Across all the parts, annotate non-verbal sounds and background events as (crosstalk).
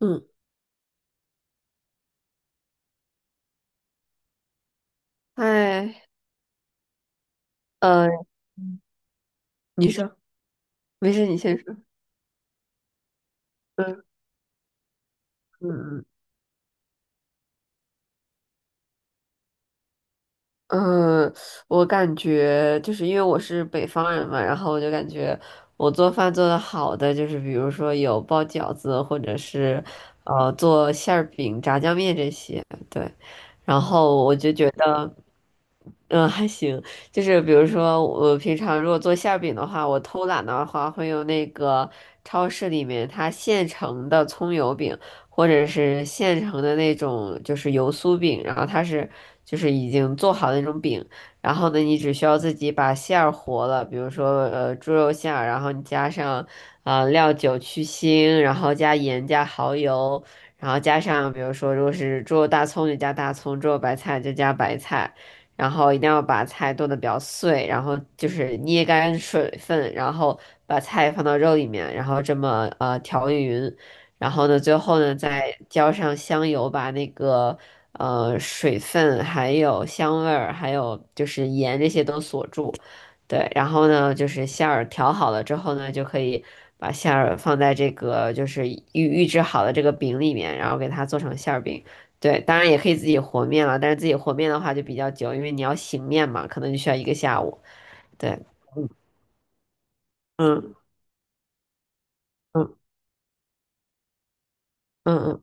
嗯，嗨，呃，你说没事，你先说。嗯嗯嗯，我感觉就是因为我是北方人嘛，然后我就感觉我做饭做的好的，就是比如说有包饺子，或者是做馅儿饼、炸酱面这些，对。然后我就觉嗯，还行，就是比如说，我平常如果做馅儿饼的话，我偷懒的话，会用那个超市里面它现成的葱油饼，或者是现成的那种就是油酥饼，然后它是就是已经做好的那种饼，然后呢，你只需要自己把馅儿和了，比如说猪肉馅儿，然后你加上料酒去腥，然后加盐加蚝油，然后加上比如说如果是猪肉大葱就加大葱，猪肉白菜就加白菜。然后一定要把菜剁得比较碎，然后就是捏干水分，然后把菜放到肉里面，然后这么调匀，然后呢，最后呢再浇上香油，把那个水分还有香味儿，还有就是盐这些都锁住。对，然后呢，就是馅儿调好了之后呢，就可以把馅儿放在这个就是预制好的这个饼里面，然后给它做成馅儿饼。对，当然也可以自己和面了，但是自己和面的话就比较久，因为你要醒面嘛，可能就需要一个下午。对，嗯嗯嗯嗯，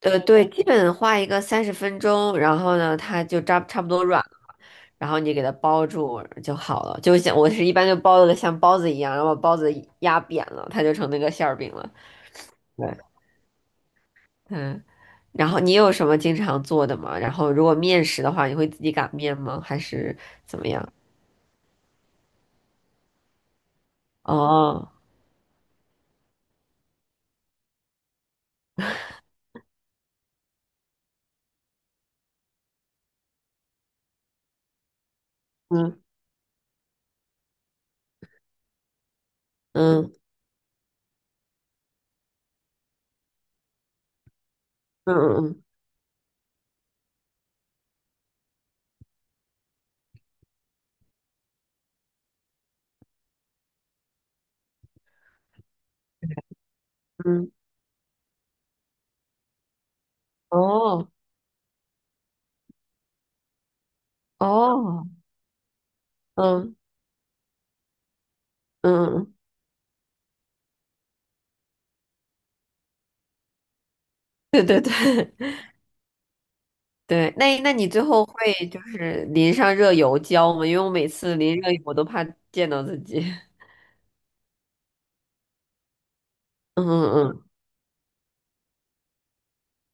对，基本画一个30分钟，然后呢，它就扎差不多软了，然后你给它包住就好了。就像我是一般就包的像包子一样，然后把包子压扁了，它就成那个馅儿饼了。对，嗯。然后你有什么经常做的吗？然后如果面食的话，你会自己擀面吗？还是怎么样？哦，嗯嗯嗯嗯嗯。嗯哦哦，嗯嗯，对对对 (laughs) 对，那你最后会就是淋上热油浇吗？因为我每次淋热油我都怕溅到自己。(laughs) 嗯嗯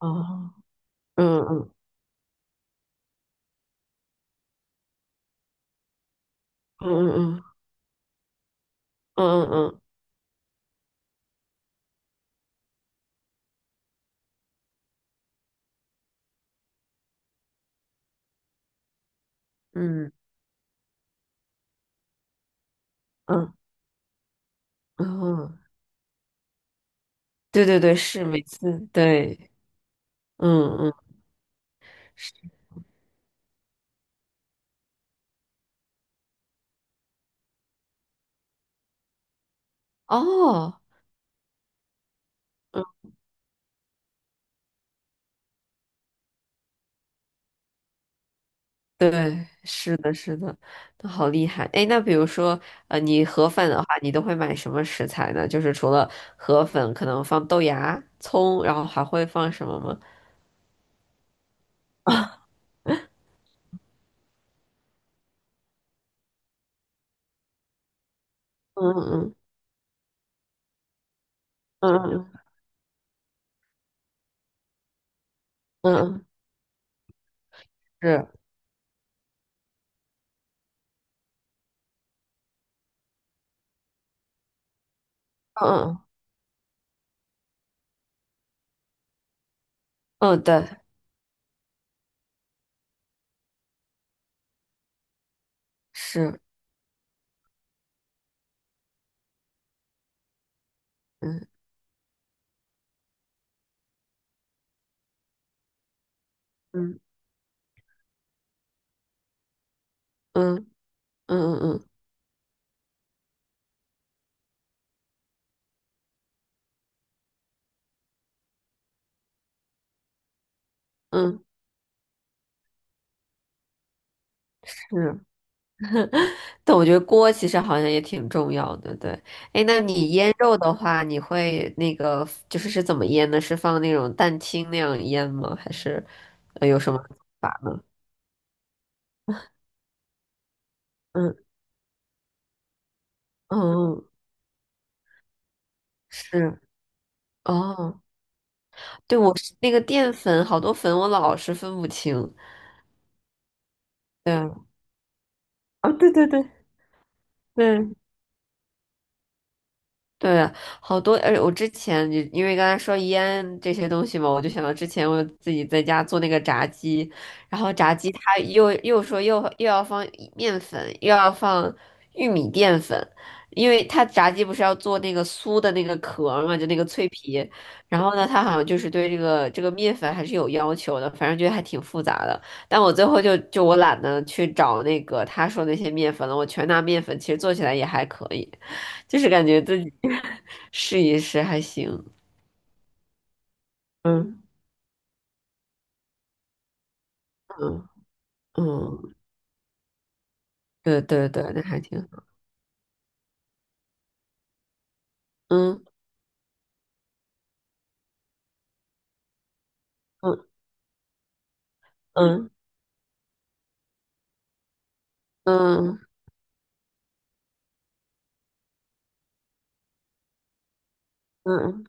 嗯，哦，嗯嗯嗯嗯嗯嗯嗯嗯嗯嗯，对对对，是每次对，嗯嗯是，哦，嗯对，是的，是的，那好厉害。哎，那比如说，你河粉的话，你都会买什么食材呢？就是除了河粉，可能放豆芽、葱，然后还会放什么吗？嗯嗯嗯嗯嗯，嗯嗯 (laughs) 是，嗯嗯嗯，对，是，嗯嗯嗯嗯嗯嗯嗯，是。但我觉得锅其实好像也挺重要的，对。哎，那你腌肉的话，你会那个是怎么腌呢？是放那种蛋清那样腌吗？还是有什么做法吗？嗯嗯，是哦，对，我是那个淀粉，好多粉我老是分不清。对，啊，对对对对。对，好多，而且我之前你因为刚才说腌这些东西嘛，我就想到之前我自己在家做那个炸鸡，然后炸鸡它又又说又又要放面粉，又要放玉米淀粉，因为它炸鸡不是要做那个酥的那个壳儿嘛，就那个脆皮，然后呢，它好像就是对这个面粉还是有要求的，反正觉得还挺复杂的。但我最后就我懒得去找那个他说那些面粉了，我全拿面粉，其实做起来也还可以。就是感觉自己 (laughs) 试一试还行。嗯嗯嗯，对对对，那还挺好。嗯嗯嗯嗯嗯，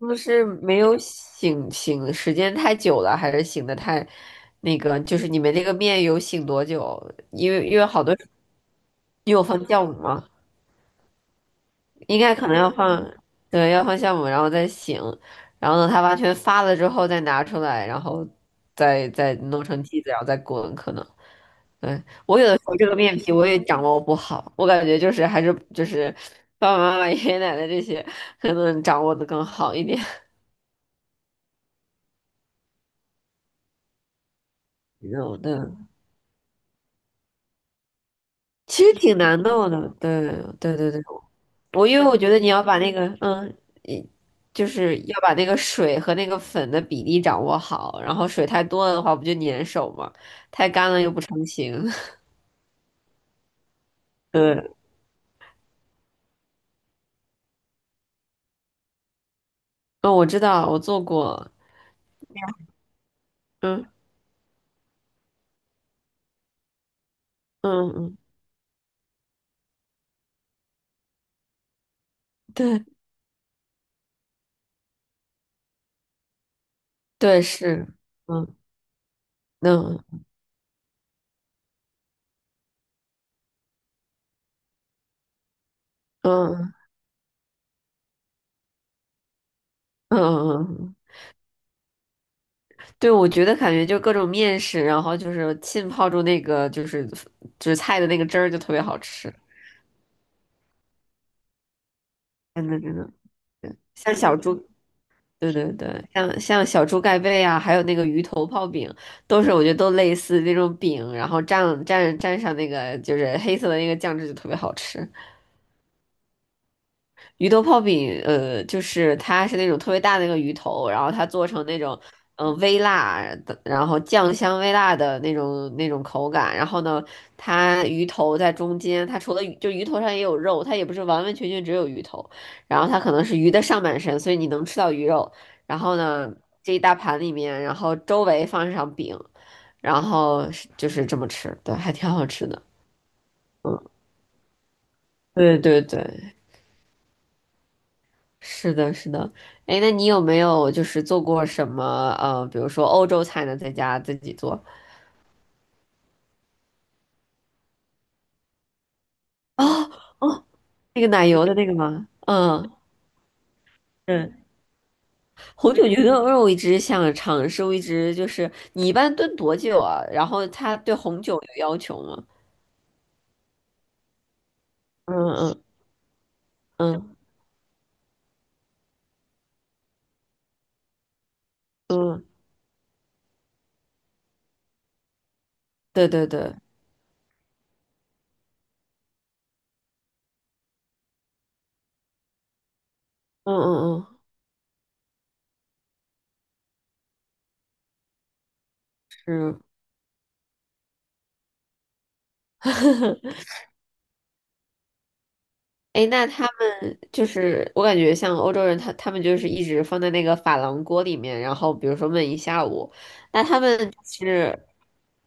他们是没有醒时间太久了，还是醒的太那个？就是你们那个面有醒多久？因为好多你有放酵母吗？应该可能要放，对，要放酵母，然后再醒，然后等它完全发了之后再拿出来，然后再弄成剂子，然后再滚，可能。对，我有的时候这个面皮我也掌握不好，我感觉就是还是就是爸爸妈妈、爷爷奶奶这些可能掌握的更好一点。有的，其实挺难弄的。对，对对对，我因为我觉得你要把那个一就是要把那个水和那个粉的比例掌握好，然后水太多了的话不就粘手吗？太干了又不成形。(laughs) 对，嗯，我知道，我做过。嗯嗯嗯，对对是，嗯嗯嗯。嗯嗯嗯，对，我觉得感觉就各种面食，然后就是浸泡住那个就是菜的那个汁儿，就特别好吃，真的真的，对，像小猪，对对对，像小猪盖被啊，还有那个鱼头泡饼，都是我觉得都类似那种饼，然后蘸上那个就是黑色的那个酱汁，就特别好吃。鱼头泡饼，就是它是那种特别大的那个鱼头，然后它做成那种，微辣的，然后酱香微辣的那种口感。然后呢，它鱼头在中间，它除了鱼就鱼头上也有肉，它也不是完完全全只有鱼头。然后它可能是鱼的上半身，所以你能吃到鱼肉。然后呢，这一大盘里面，然后周围放上饼，然后是就是这么吃，对，还挺好吃的。嗯，对对对。是的，是的。哎，那你有没有就是做过什么比如说欧洲菜呢，在家自己做？哦哦，那个奶油的那个吗？嗯，嗯，红酒牛肉我一直想尝试，我一直就是你一般炖多久啊？然后他对红酒有要求吗？嗯嗯嗯嗯，对对对，嗯嗯嗯，是。(laughs) 哎，那他就是我感觉像欧洲人他，他们就是一直放在那个珐琅锅里面，然后比如说焖一下午。那他们就是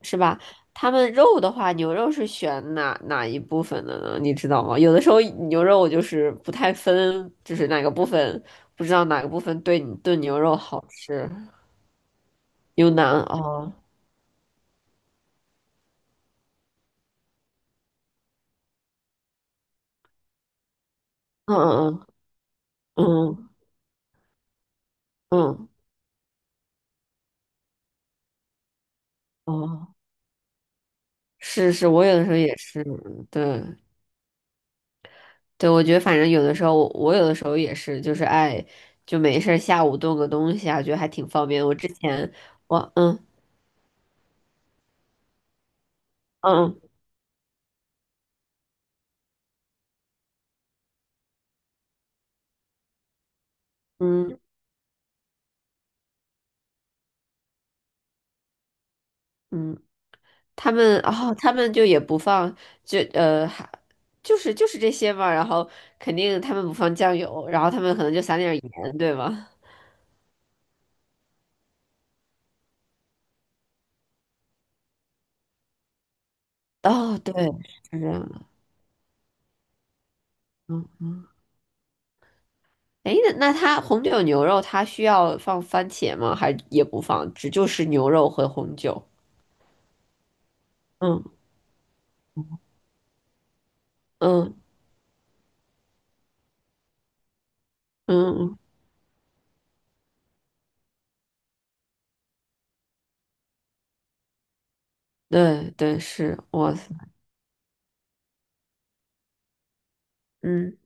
是吧？他们肉的话，牛肉是选哪哪一部分的呢？你知道吗？有的时候牛肉我就是不太分，就是哪个部分不知道哪个部分对你炖牛肉好吃。牛腩哦，嗯嗯嗯嗯嗯哦，是是，我有的时候也是，对。对，我觉得反正有的时候，我有的时候也是，就是爱就没事儿下午炖个东西啊，觉得还挺方便。我之前我嗯嗯嗯嗯，他们哦，他们就也不放，就还就是就是这些嘛，然后肯定他们不放酱油，然后他们可能就撒点儿盐，对吗？哦，对，是这样的，嗯嗯。哎，那它红酒牛肉它需要放番茄吗？还也不放，只就是牛肉和红酒。嗯嗯嗯对对，是，哇塞，嗯，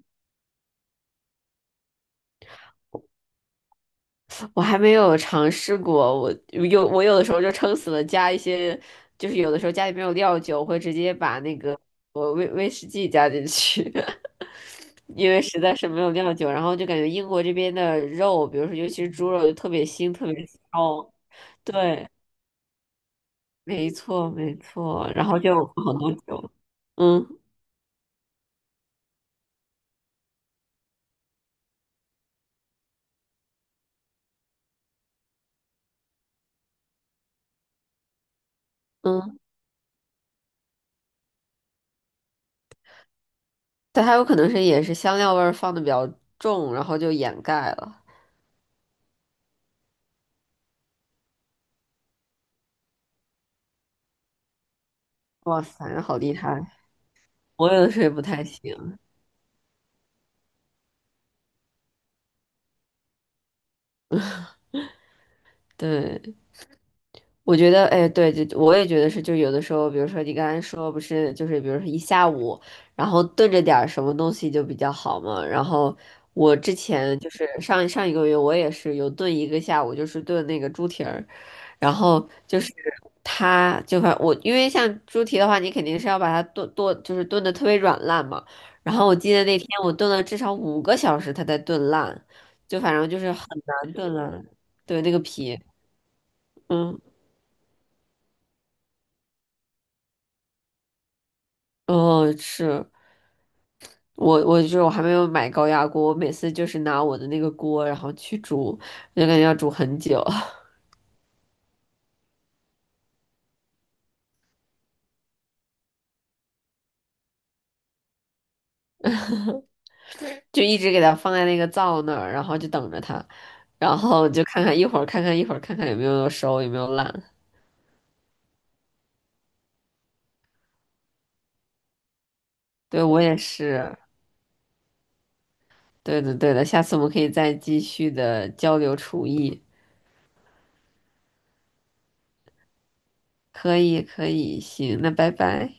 我还没有尝试过，我有的时候就撑死了加一些，就是有的时候家里没有料酒，我会直接把那个我威士忌加进去，(laughs) 因为实在是没有料酒，然后就感觉英国这边的肉，比如说尤其是猪肉，就特别腥，特别骚。对，没错没错，然后就很多酒，嗯嗯，但它有可能是也是香料味儿放的比较重，然后就掩盖了。哇塞，好厉害！我有的时候也不太行，对，我觉得，哎，对，就我也觉得是，就有的时候，比如说你刚才说不是，就是比如说一下午，然后炖着点儿什么东西就比较好嘛。然后我之前就是上上一个月，我也是有炖一个下午，就是炖那个猪蹄儿，然后就是它就反我，因为像猪蹄的话，你肯定是要把它炖炖，就是炖的特别软烂嘛。然后我记得那天我炖了至少5个小时，它才炖烂，就反正就是很难炖烂。对，那个皮，嗯，哦，是我，我还没有买高压锅，我每次就是拿我的那个锅，然后去煮，就感觉要煮很久，(laughs) 就一直给它放在那个灶那儿，然后就等着它，然后就看看一会儿，看看一会儿，看看有没有熟，有没有烂。对，我也是。对的，对的，下次我们可以再继续的交流厨艺。可以，可以，行，那拜拜。